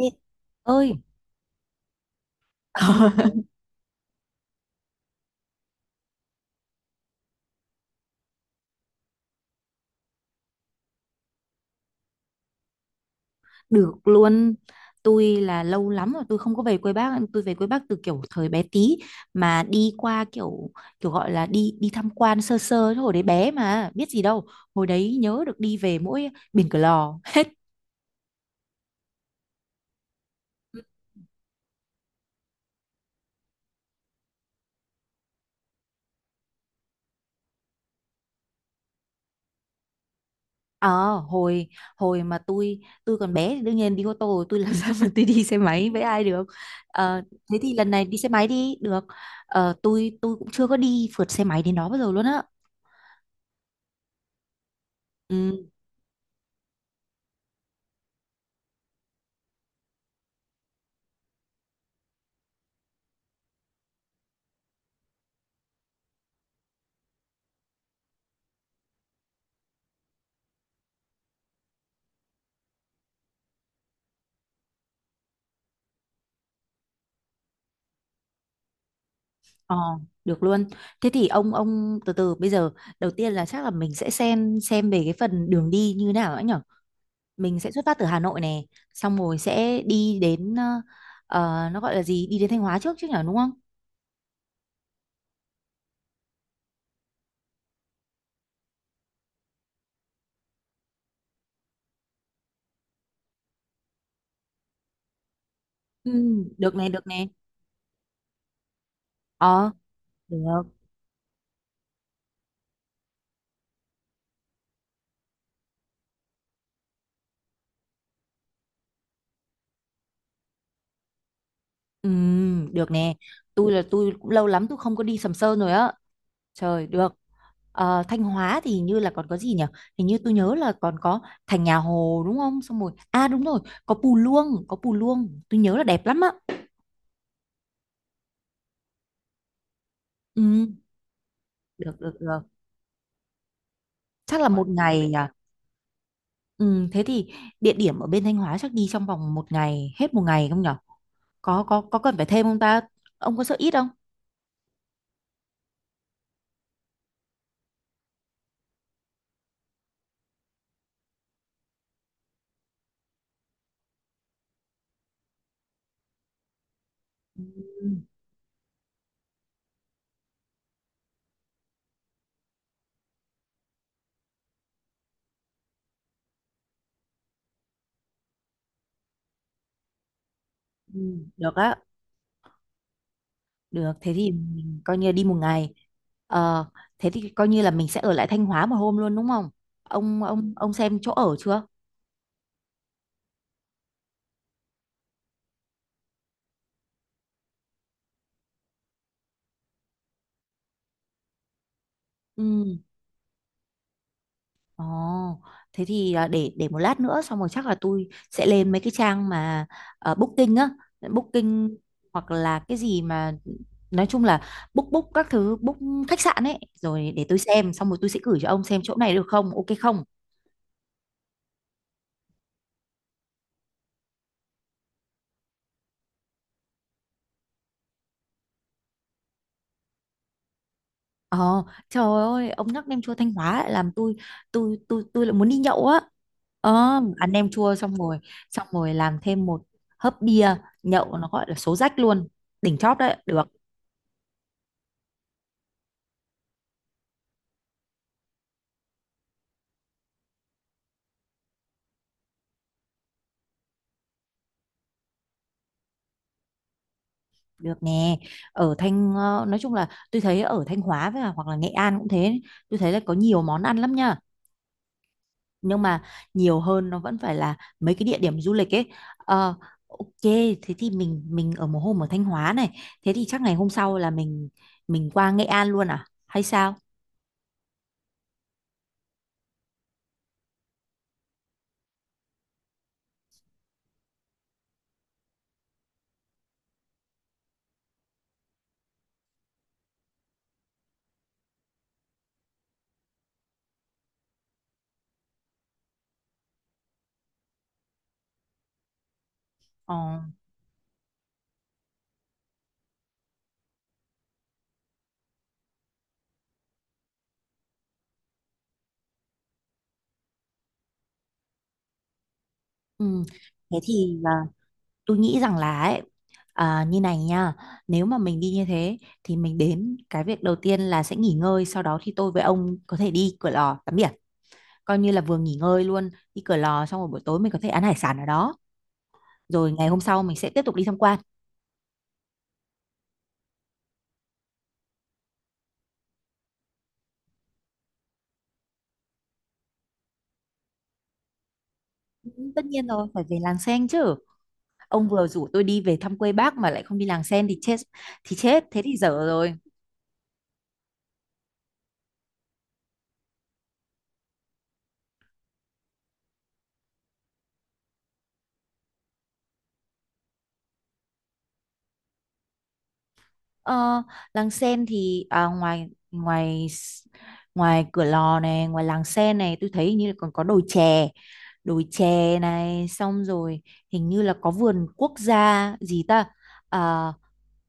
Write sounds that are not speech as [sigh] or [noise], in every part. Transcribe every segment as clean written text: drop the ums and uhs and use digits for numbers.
Nhi- ơi [laughs] được luôn. Tôi lâu lắm rồi tôi không có về quê bác. Tôi về quê bác từ kiểu thời bé tí mà đi qua kiểu, gọi là đi đi tham quan sơ sơ chứ hồi đấy bé mà biết gì đâu. Hồi đấy nhớ được đi về mỗi Biển Cửa Lò. [laughs] ờ hồi Hồi mà tôi còn bé thì đương nhiên đi ô tô rồi, tôi làm [laughs] sao mà tôi đi xe máy với ai được. Ờ, thế thì lần này đi xe máy đi được. Ờ, tôi cũng chưa có đi phượt xe máy đến đó bao giờ luôn á. Ừ. Ờ, được luôn. Thế thì ông từ từ bây giờ đầu tiên là chắc là mình sẽ xem về cái phần đường đi như nào ấy nhở. Mình sẽ xuất phát từ Hà Nội này, xong rồi sẽ đi đến, nó gọi là gì? Đi đến Thanh Hóa trước chứ nhở, đúng không? Ừ, được này, được này. Ờ, được. Ừ, được nè. Tôi là tôi cũng lâu lắm tôi không có đi Sầm Sơn rồi á. Trời được. Ờ, Thanh Hóa thì hình như là còn có gì nhỉ? Hình như tôi nhớ là còn có thành nhà Hồ đúng không? Xong rồi. À đúng rồi, có Pù Luông, có Pù Luông. Tôi nhớ là đẹp lắm á. Ừ, được được được. Chắc là một ngày à? Ừ, thế thì địa điểm ở bên Thanh Hóa chắc đi trong vòng một ngày, hết một ngày không nhỉ? Có cần phải thêm không ta? Ông có sợ ít không? Ừ, ừ, được á. Được, thế thì mình coi như đi một ngày. Ờ, thế thì coi như là mình sẽ ở lại Thanh Hóa một hôm luôn đúng không? Ông xem chỗ ở chưa? Ừ. Ồ, thế thì, để một lát nữa xong rồi chắc là tôi sẽ lên mấy cái trang mà, booking á, booking hoặc là cái gì mà nói chung là book book các thứ book khách sạn ấy rồi để tôi xem xong rồi tôi sẽ gửi cho ông xem chỗ này được không? Ok không? Ờ, trời ơi, ông nhắc nem chua Thanh Hóa lại làm tôi, tôi lại muốn đi nhậu á. Ờ, ăn nem chua xong rồi làm thêm một hớp bia, nhậu nó gọi là số rách luôn, đỉnh chóp đấy, được, được nè. Ở Thanh, nói chung là tôi thấy ở Thanh Hóa với cả hoặc là Nghệ An cũng thế, tôi thấy là có nhiều món ăn lắm nha. Nhưng mà nhiều hơn nó vẫn phải là mấy cái địa điểm du lịch ấy. Ờ, ok, thế thì mình ở một hôm ở Thanh Hóa này, thế thì chắc ngày hôm sau là mình qua Nghệ An luôn à hay sao? ờ, ừ. Thế thì, tôi nghĩ rằng là ấy, à, như này nha, nếu mà mình đi như thế thì mình đến cái việc đầu tiên là sẽ nghỉ ngơi, sau đó thì tôi với ông có thể đi Cửa Lò tắm biển, coi như là vừa nghỉ ngơi luôn. Đi Cửa Lò xong rồi buổi tối mình có thể ăn hải sản ở đó, rồi ngày hôm sau mình sẽ tiếp tục đi tham quan. Ừ, tất nhiên rồi, phải về làng sen chứ. Ông vừa rủ tôi đi về thăm quê bác mà lại không đi làng sen thì chết, thì chết, thế thì dở rồi. Ờ, làng sen thì, ngoài ngoài s- ngoài cửa lò này, ngoài làng sen này tôi thấy hình như là còn có đồi chè. Đồi chè này xong rồi hình như là có vườn quốc gia gì ta? À,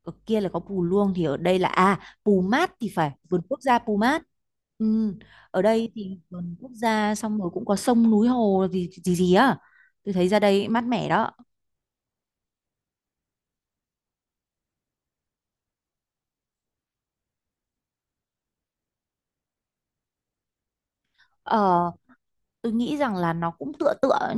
ở kia là có Pù Luông thì ở đây là, Pù Mát thì phải, vườn quốc gia Pù Mát. Ừ. Ở đây thì vườn quốc gia xong rồi cũng có sông núi hồ gì gì, gì á. Tôi thấy ra đây mát mẻ đó. ờ tôi nghĩ rằng là nó cũng tựa tựa ấy.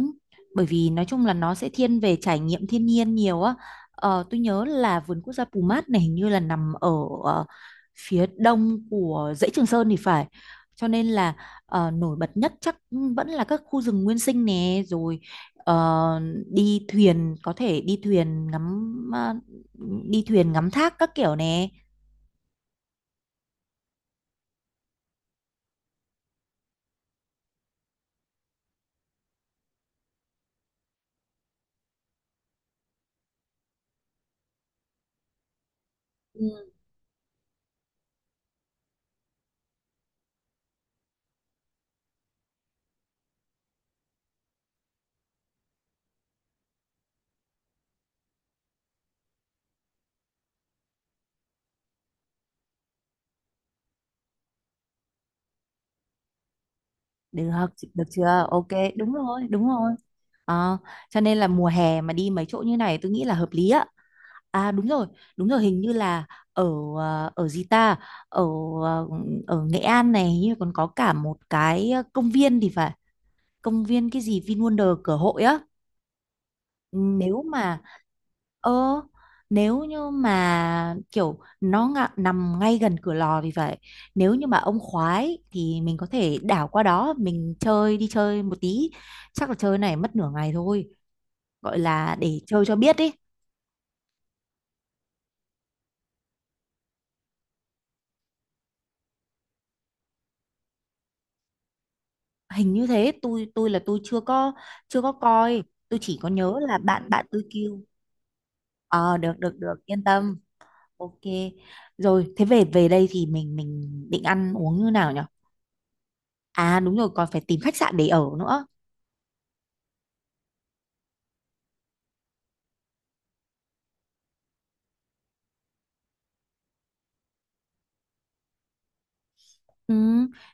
Bởi vì nói chung là nó sẽ thiên về trải nghiệm thiên nhiên nhiều á. Ờ, tôi nhớ là vườn quốc gia Pù Mát này hình như là nằm ở, ờ, phía đông của dãy Trường Sơn thì phải, cho nên là, nổi bật nhất chắc vẫn là các khu rừng nguyên sinh nè rồi, ờ, đi thuyền có thể đi thuyền ngắm, đi thuyền ngắm thác các kiểu nè. Được, được chưa? Ok, đúng rồi, đúng rồi. Ờ, cho nên là mùa hè mà đi mấy chỗ như này tôi nghĩ là hợp lý á. À đúng rồi, hình như là ở, ờ, ở gì ta? Ở ờ, ở Nghệ An này hình như còn có cả một cái, công viên thì phải. Công viên cái gì VinWonder Cửa Hội á. Ừ. Nếu mà, ơ, nếu như mà kiểu nó nằm ngay gần cửa lò vì vậy, nếu như mà ông khoái thì mình có thể đảo qua đó mình chơi, đi chơi một tí, chắc là chơi này mất nửa ngày thôi, gọi là để chơi cho biết đi. Hình như thế, tôi chưa có, chưa có coi. Tôi chỉ có nhớ là bạn bạn tôi kêu. Ờ, được được được yên tâm. Ok, rồi thế về về đây thì mình định ăn uống như nào nhỉ? À đúng rồi, còn phải tìm khách sạn để ở nữa. Ừ,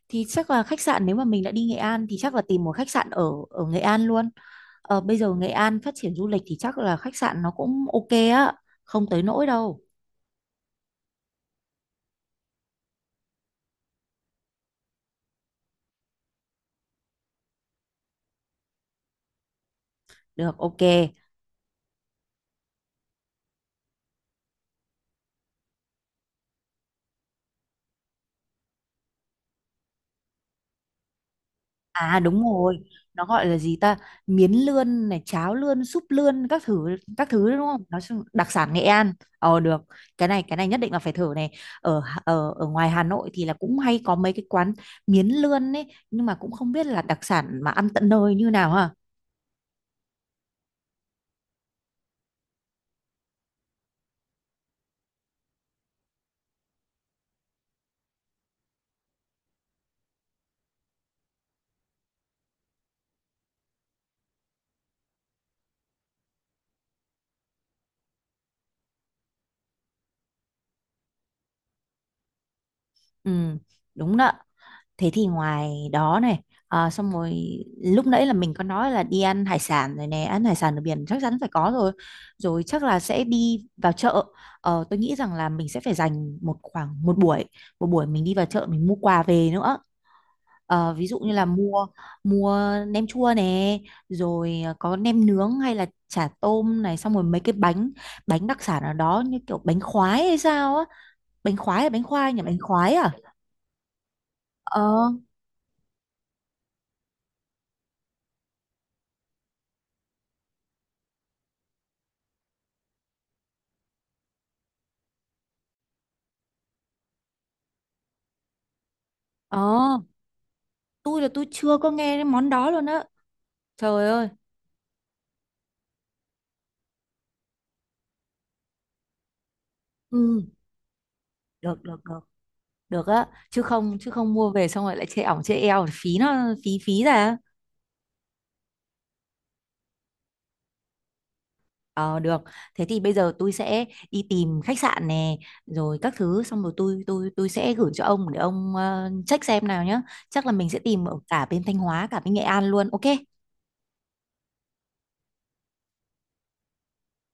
thì chắc là khách sạn nếu mà mình đã đi Nghệ An thì chắc là tìm một khách sạn ở ở Nghệ An luôn. Ờ, bây giờ Nghệ An phát triển du lịch thì chắc là khách sạn nó cũng ok á, không tới nỗi đâu. Được, ok. À đúng rồi, nó gọi là gì ta? Miến lươn này, cháo lươn, súp lươn các thứ, các thứ đúng không? Nó đặc sản Nghệ An. Ờ được, cái này nhất định là phải thử này. Ở ở ngoài Hà Nội thì là cũng hay có mấy cái quán miến lươn ấy, nhưng mà cũng không biết là đặc sản mà ăn tận nơi như nào ha. Ừ, đúng đó. Thế thì ngoài đó này, à, xong rồi lúc nãy là mình có nói là đi ăn hải sản rồi nè, ăn hải sản ở biển chắc chắn phải có rồi. Rồi chắc là sẽ đi vào chợ. Ờ, tôi nghĩ rằng là mình sẽ phải dành một khoảng một buổi mình đi vào chợ mình mua quà về nữa. Ờ, ví dụ như là mua mua nem chua nè, rồi ờ, có nem nướng hay là chả tôm này, xong rồi mấy cái bánh bánh đặc sản ở đó như kiểu bánh khoái hay sao á, bánh khoái hay bánh khoai nhỉ, bánh khoái à? Ờ. Ờ, tôi là tôi chưa có nghe cái món đó luôn á. Trời ơi. Ừ, được được được, được á, chứ không, chứ không mua về xong rồi lại chê ỏng chê eo, phí nó, phí phí ra. Ờ được. Thế thì bây giờ tôi sẽ đi tìm khách sạn nè, rồi các thứ xong rồi tôi sẽ gửi cho ông để ông, check xem nào nhá. Chắc là mình sẽ tìm ở cả bên Thanh Hóa cả bên Nghệ An luôn. Ok.